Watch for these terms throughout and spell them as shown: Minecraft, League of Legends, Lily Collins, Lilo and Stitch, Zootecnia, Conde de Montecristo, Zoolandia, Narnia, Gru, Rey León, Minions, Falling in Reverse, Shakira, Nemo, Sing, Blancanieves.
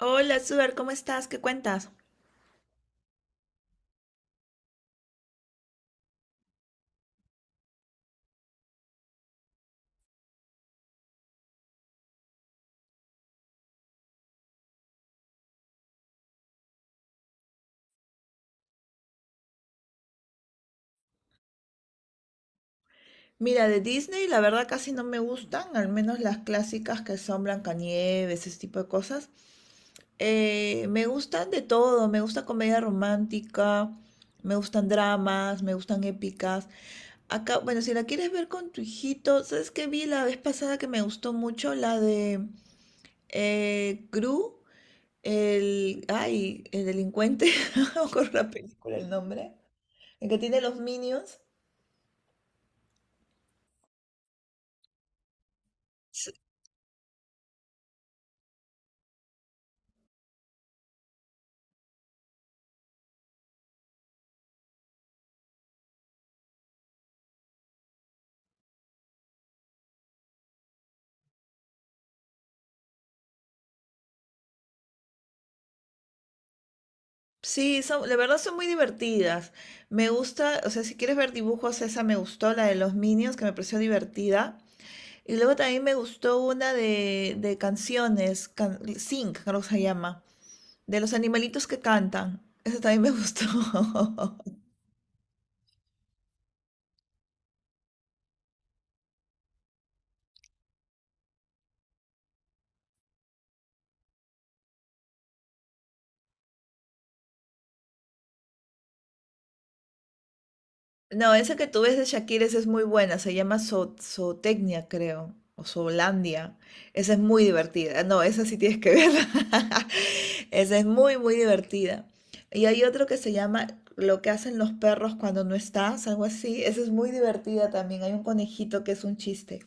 Hola, Suar, ¿cómo estás? ¿Qué cuentas? Mira, de Disney la verdad casi no me gustan, al menos las clásicas que son Blancanieves, ese tipo de cosas. Me gustan de todo, me gusta comedia romántica, me gustan dramas, me gustan épicas. Acá, bueno, si la quieres ver con tu hijito, ¿sabes qué vi la vez pasada que me gustó mucho? La de Gru, ay, el delincuente, no me acuerdo la película, el nombre, el que tiene los Minions. Sí, la verdad son muy divertidas. Me gusta, o sea, si quieres ver dibujos, esa me gustó, la de los Minions, que me pareció divertida. Y luego también me gustó una de canciones, Sing, creo que se llama, de los animalitos que cantan. Esa también me gustó. No, esa que tú ves de Shakira, esa es muy buena, se llama Zootecnia, creo, o Zoolandia. Esa es muy divertida. No, esa sí tienes que verla. Esa es muy, muy divertida. Y hay otro que se llama Lo que hacen los perros cuando no estás, algo así. Esa es muy divertida también. Hay un conejito que es un chiste.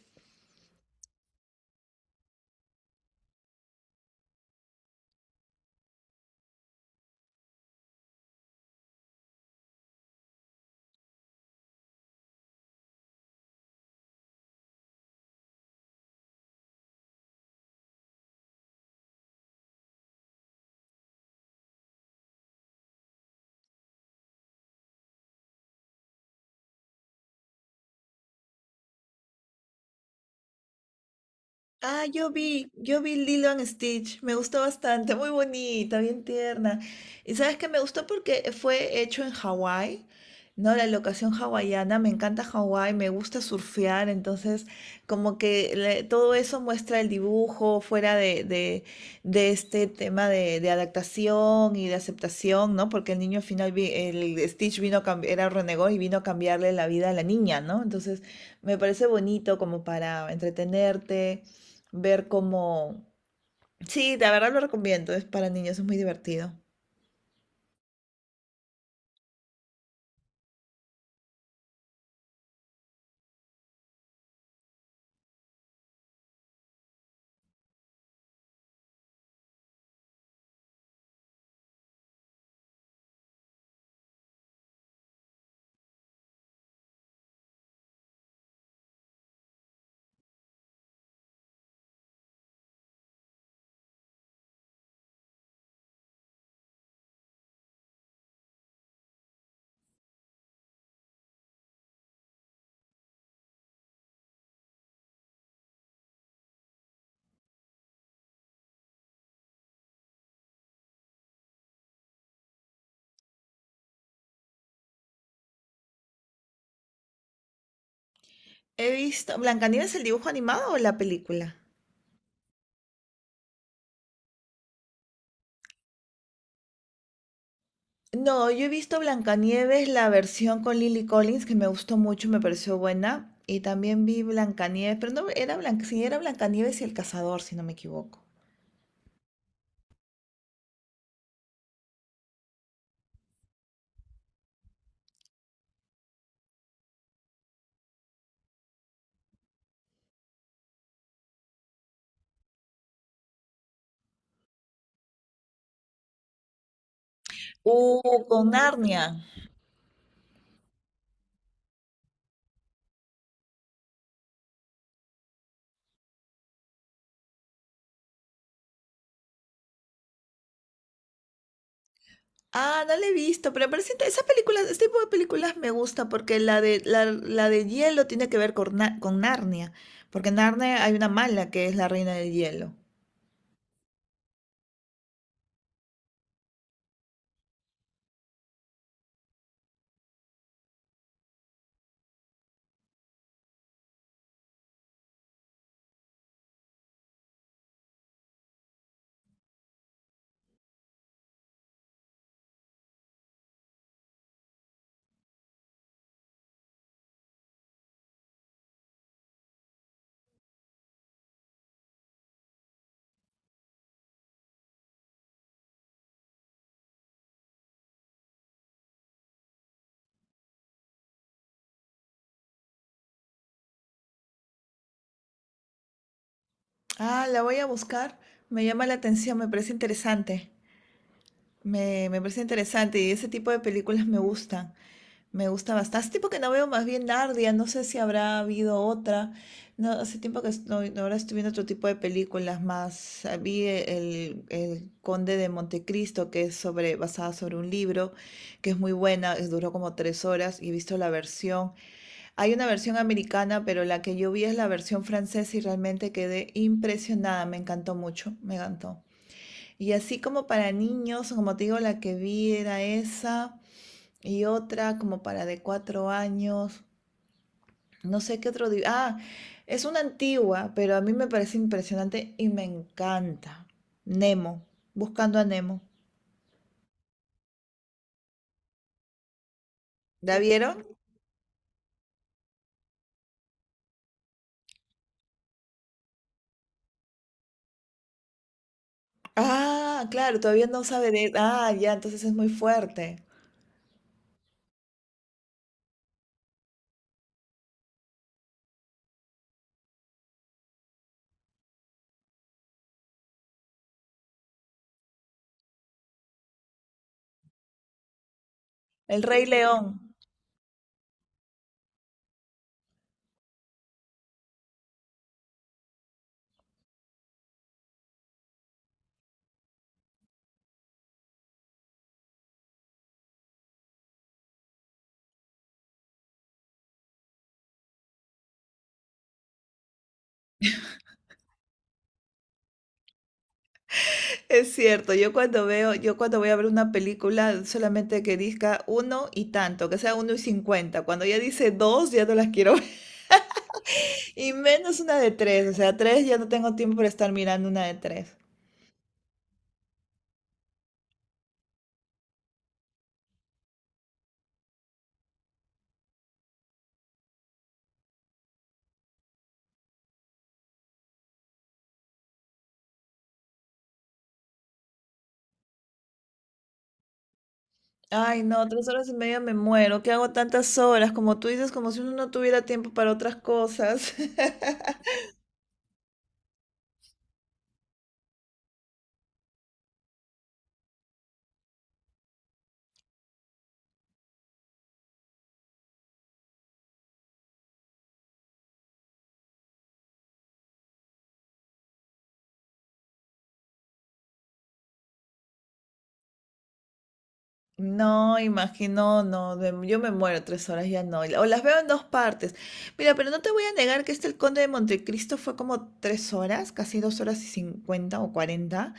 Ah, yo vi Lilo and Stitch, me gustó bastante, muy bonita, bien tierna. Y sabes que me gustó porque fue hecho en Hawái, ¿no? La locación hawaiana, me encanta Hawái, me gusta surfear, entonces como que todo eso muestra el dibujo fuera de este tema de adaptación y de aceptación, ¿no? Porque el niño al final, el Stitch vino a era renegó y vino a cambiarle la vida a la niña, ¿no? Entonces me parece bonito como para entretenerte ver cómo... Sí, la verdad lo recomiendo, es para niños, es muy divertido. He visto... ¿Blancanieves el dibujo animado o la película? No, yo he visto Blancanieves, la versión con Lily Collins, que me gustó mucho, me pareció buena. Y también vi Blancanieves, pero no, era Blanc... sí, era Blancanieves y el cazador, si no me equivoco. Con Narnia. Ah, no la he visto, pero parece esa película, este tipo de películas me gusta porque la de hielo tiene que ver con, con Narnia, porque en Narnia hay una mala que es la reina del hielo. Ah, la voy a buscar, me llama la atención, me parece interesante, me parece interesante y ese tipo de películas me gustan. Me gusta bastante. Hace tiempo que no veo más bien Nardia, no sé si habrá habido otra. No, hace tiempo que no, no, ahora estoy viendo otro tipo de películas más. Ah, vi el Conde de Montecristo, que es sobre, basada sobre un libro, que es muy buena, duró como 3 horas y he visto la versión. Hay una versión americana, pero la que yo vi es la versión francesa y realmente quedé impresionada, me encantó mucho, me encantó. Y así como para niños, como te digo, la que vi era esa y otra como para de 4 años. No sé qué otro. Ah, es una antigua, pero a mí me parece impresionante y me encanta. Nemo, buscando a Nemo. ¿La vieron? Ah, claro, todavía no sabe de... Ah, ya, entonces es muy fuerte. El Rey León. Es cierto, yo cuando veo, yo cuando voy a ver una película solamente que diga uno y tanto, que sea uno y cincuenta. Cuando ya dice dos, ya no las quiero ver. Y menos una de tres, o sea, tres ya no tengo tiempo para estar mirando una de tres. Ay, no, 3 horas y media me muero. ¿Qué hago tantas horas? Como tú dices, como si uno no tuviera tiempo para otras cosas. No, imagino, no, yo me muero 3 horas, ya no. O las veo en dos partes. Mira, pero no te voy a negar que este El Conde de Montecristo fue como 3 horas, casi 2 horas y cincuenta o cuarenta.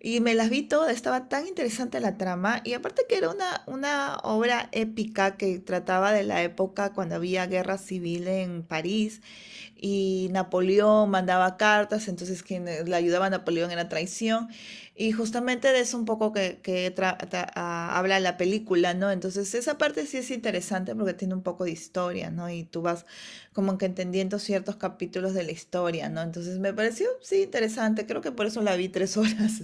Y me las vi todas, estaba tan interesante la trama. Y aparte que era una obra épica que trataba de la época cuando había guerra civil en París y Napoleón mandaba cartas, entonces quienes le ayudaba a Napoleón era traición. Y justamente de eso un poco que tra tra habla la película, ¿no? Entonces esa parte sí es interesante porque tiene un poco de historia, ¿no? Y tú vas como que entendiendo ciertos capítulos de la historia, ¿no? Entonces me pareció, sí, interesante. Creo que por eso la vi 3 horas.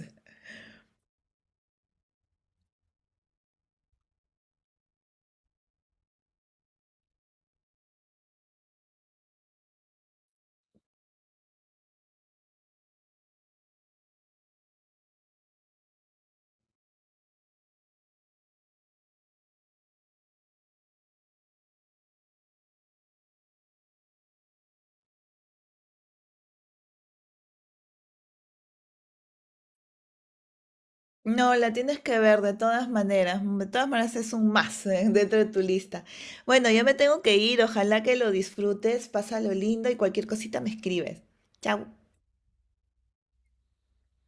No, la tienes que ver de todas maneras. De todas maneras es un más dentro de tu lista. Bueno, yo me tengo que ir. Ojalá que lo disfrutes. Pásalo lindo y cualquier cosita me escribes. Chao.